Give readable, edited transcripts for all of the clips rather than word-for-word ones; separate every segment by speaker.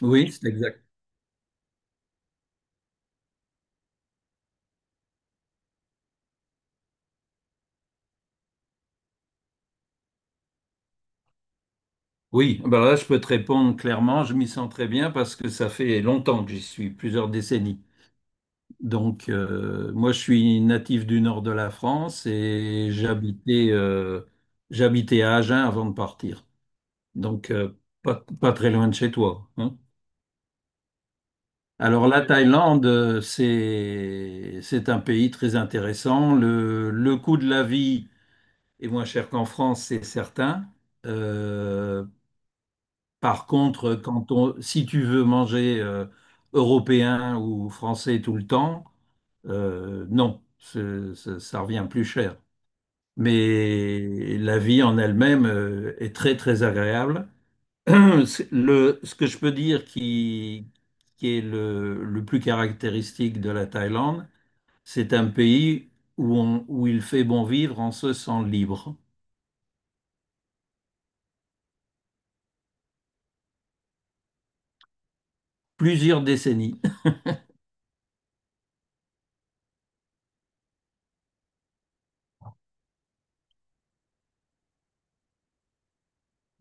Speaker 1: Oui, c'est exact. Oui, là, je peux te répondre clairement, je m'y sens très bien parce que ça fait longtemps que j'y suis, plusieurs décennies. Donc, moi, je suis natif du nord de la France et j'habitais à Agen avant de partir. Donc, pas très loin de chez toi, hein. Alors, la Thaïlande, c'est un pays très intéressant. Le coût de la vie est moins cher qu'en France, c'est certain. Euh, Par contre, si tu veux manger européen ou français tout le temps, non, ça revient plus cher. Mais la vie en elle-même est très très agréable. Ce que je peux dire qui est le plus caractéristique de la Thaïlande, c'est un pays où il fait bon vivre en se sent libre. Plusieurs décennies.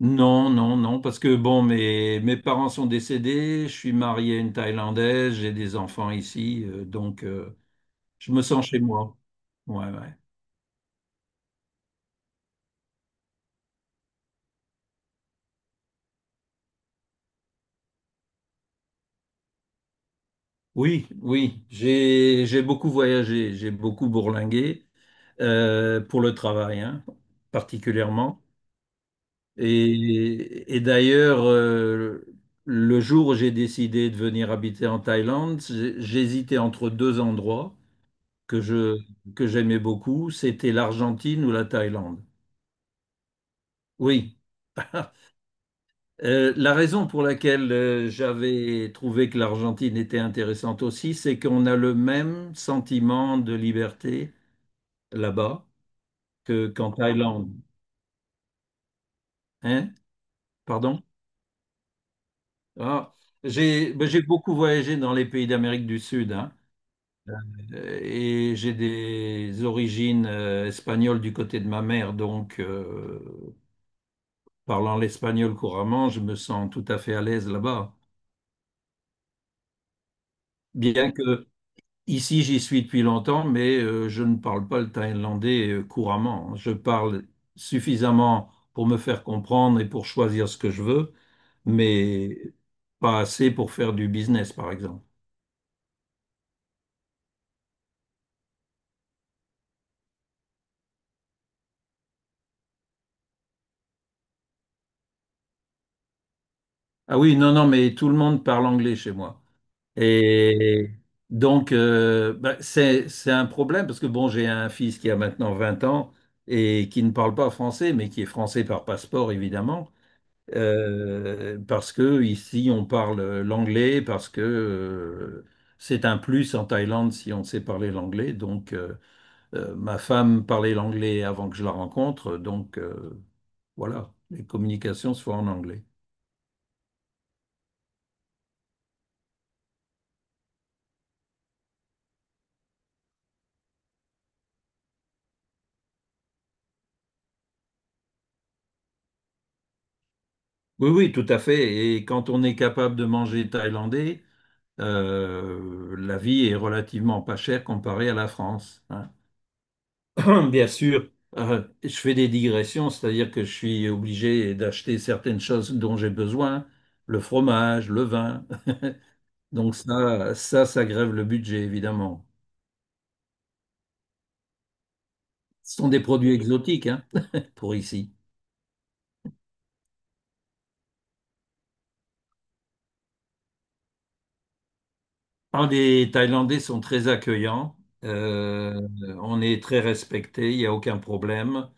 Speaker 1: Non, non, non, parce que bon, mes parents sont décédés, je suis marié à une Thaïlandaise, j'ai des enfants ici, je me sens chez moi. Ouais, ouais. Oui, oui, j'ai beaucoup voyagé, j'ai beaucoup bourlingué pour le travail, hein, particulièrement. Et d'ailleurs, le jour où j'ai décidé de venir habiter en Thaïlande, j'hésitais entre deux endroits que je, que j'aimais beaucoup, c'était l'Argentine ou la Thaïlande. Oui. La raison pour laquelle j'avais trouvé que l'Argentine était intéressante aussi, c'est qu'on a le même sentiment de liberté là-bas qu'en Thaïlande. Hein? Pardon? Ah, j'ai beaucoup voyagé dans les pays d'Amérique du Sud, hein, et j'ai des origines espagnoles du côté de ma mère, donc parlant l'espagnol couramment, je me sens tout à fait à l'aise là-bas. Bien que ici, j'y suis depuis longtemps, mais je ne parle pas le thaïlandais couramment. Je parle suffisamment pour me faire comprendre et pour choisir ce que je veux, mais pas assez pour faire du business, par exemple. Ah oui, non, non, mais tout le monde parle anglais chez moi. Et donc, c'est un problème parce que bon, j'ai un fils qui a maintenant 20 ans et qui ne parle pas français, mais qui est français par passeport, évidemment, parce que ici, on parle l'anglais, parce que c'est un plus en Thaïlande si on sait parler l'anglais. Donc, ma femme parlait l'anglais avant que je la rencontre, donc voilà, les communications se font en anglais. Oui, oui, tout à fait. Et quand on est capable de manger thaïlandais, la vie est relativement pas chère comparée à la France, hein. Bien sûr, je fais des digressions, c'est-à-dire que je suis obligé d'acheter certaines choses dont j'ai besoin, le fromage, le vin. Donc ça grève le budget, évidemment. Ce sont des produits exotiques, hein, pour ici. Ah, les Thaïlandais sont très accueillants. Euh, on est très respecté, il n'y a aucun problème.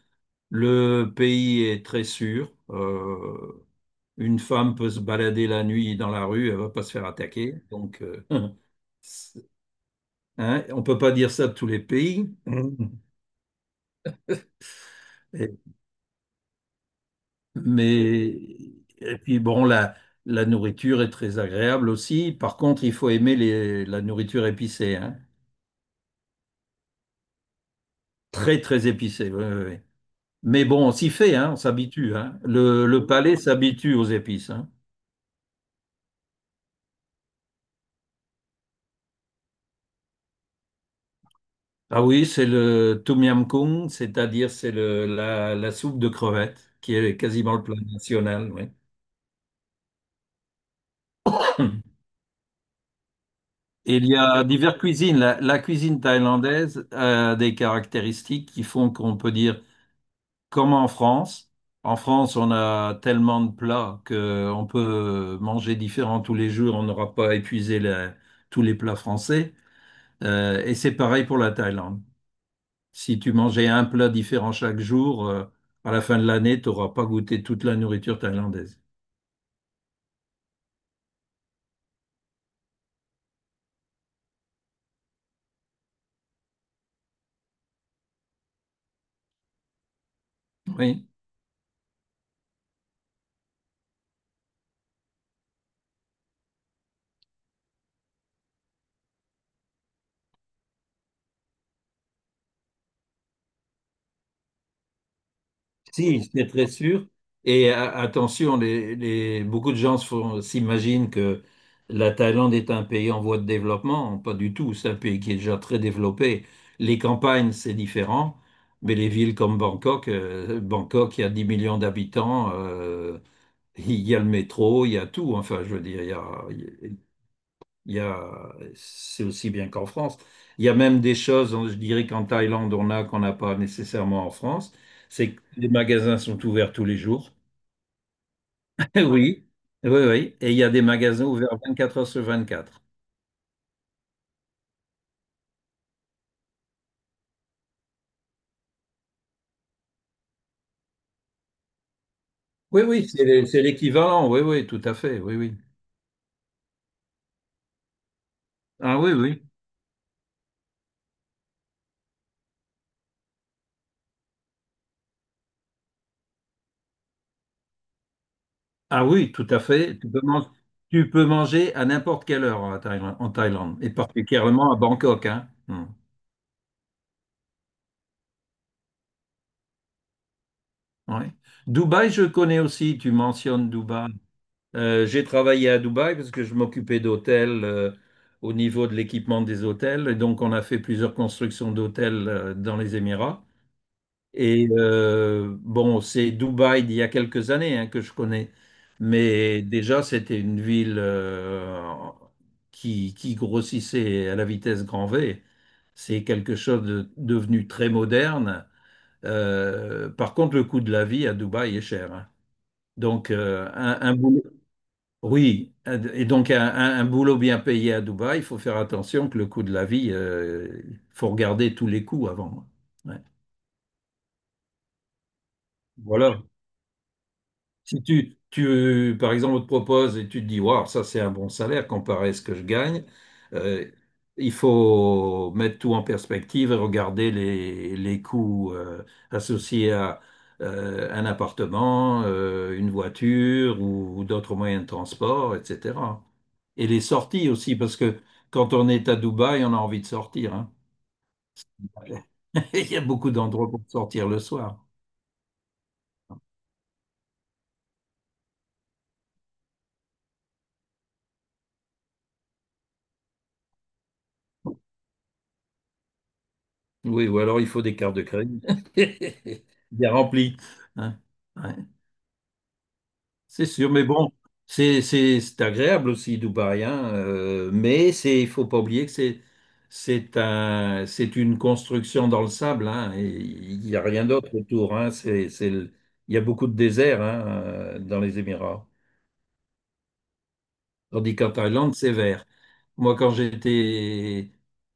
Speaker 1: Le pays est très sûr. Une femme peut se balader la nuit dans la rue, elle ne va pas se faire attaquer. Donc, hein, on ne peut pas dire ça de tous les pays. Et- mais et puis bon, la nourriture est très agréable aussi. Par contre, il faut aimer la nourriture épicée, hein. Très très épicée. Oui, oui, oui. Mais bon, on s'y fait, hein, on s'habitue, hein. Le palais s'habitue aux épices, hein. Ah oui, c'est le tom yam goong, c'est-à-dire c'est la soupe de crevettes qui est quasiment le plat national, oui. Et il y a diverses cuisines. La cuisine thaïlandaise a des caractéristiques qui font qu'on peut dire, comme en France, on a tellement de plats qu'on peut manger différents tous les jours, on n'aura pas épuisé tous les plats français. Et c'est pareil pour la Thaïlande. Si tu mangeais un plat différent chaque jour, à la fin de l'année, tu n'auras pas goûté toute la nourriture thaïlandaise. Oui. Si, c'est très sûr. Et attention, beaucoup de gens s'imaginent que la Thaïlande est un pays en voie de développement. Pas du tout. C'est un pays qui est déjà très développé. Les campagnes, c'est différent. Mais les villes comme Bangkok, Bangkok, il y a 10 millions d'habitants. Il y a le métro, il y a tout. Enfin, je veux dire, a- il y a, c'est aussi bien qu'en France. Il y a même des choses, hein, je dirais qu'en Thaïlande, on a qu'on n'a pas nécessairement en France. C'est que les magasins sont ouverts tous les jours. Oui, oui, oui. Et il y a des magasins ouverts 24 heures sur 24. Oui, oui, c'est l'équivalent. Oui, oui, tout à fait. Oui, oui. Ah oui, oui. Ah oui, tout à fait. Tu peux manger à n'importe quelle heure en Thaïlande, et particulièrement à Bangkok, hein. Hmm. Ouais. Dubaï, je connais aussi. Tu mentionnes Dubaï. J'ai travaillé à Dubaï parce que je m'occupais d'hôtels au niveau de l'équipement des hôtels. Et donc, on a fait plusieurs constructions d'hôtels dans les Émirats. Et bon, c'est Dubaï d'il y a quelques années, hein, que je connais. Mais déjà, c'était une ville qui grossissait à la vitesse grand V. C'est quelque chose de devenu très moderne. Par contre, le coût de la vie à Dubaï est cher, hein. Donc, un boulot oui, et donc un boulot bien payé à Dubaï, il faut faire attention que le coût de la vie, il faut regarder tous les coûts avant. Ouais. Voilà, si par exemple, on te propose et tu te dis, waouh, ça c'est un bon salaire comparé à ce que je gagne, euh, il faut mettre tout en perspective et regarder les coûts associés à un appartement, une voiture ou d'autres moyens de transport, etc. Et les sorties aussi, parce que quand on est à Dubaï, on a envie de sortir, hein. Il y a beaucoup d'endroits pour sortir le soir. Oui, ou alors il faut des cartes de crédit bien remplies, hein. Ouais, c'est sûr, mais bon, c'est agréable aussi, Dubaï, hein, mais c'est, il faut pas oublier que c'est une construction dans le sable, hein, et il n'y a rien d'autre autour, hein. Il y a beaucoup de désert, hein, dans les Émirats. Tandis qu'en Thaïlande, c'est vert. Moi, quand j'étais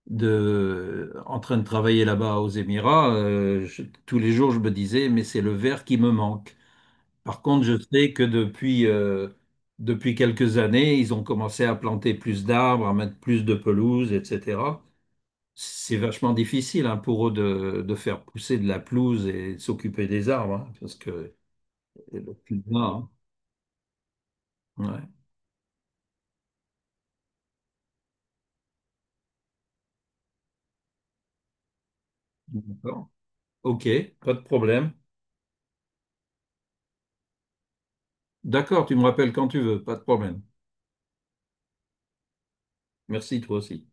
Speaker 1: de, en train de travailler là-bas aux Émirats, tous les jours, je me disais, mais c'est le vert qui me manque. Par contre, je sais que depuis quelques années, ils ont commencé à planter plus d'arbres, à mettre plus de pelouse, etc. C'est vachement difficile, hein, pour eux de faire pousser de la pelouse et de s'occuper des arbres, hein, parce que c'est le climat, hein. Ouais. D'accord. Ok, pas de problème. D'accord, tu me rappelles quand tu veux, pas de problème. Merci, toi aussi.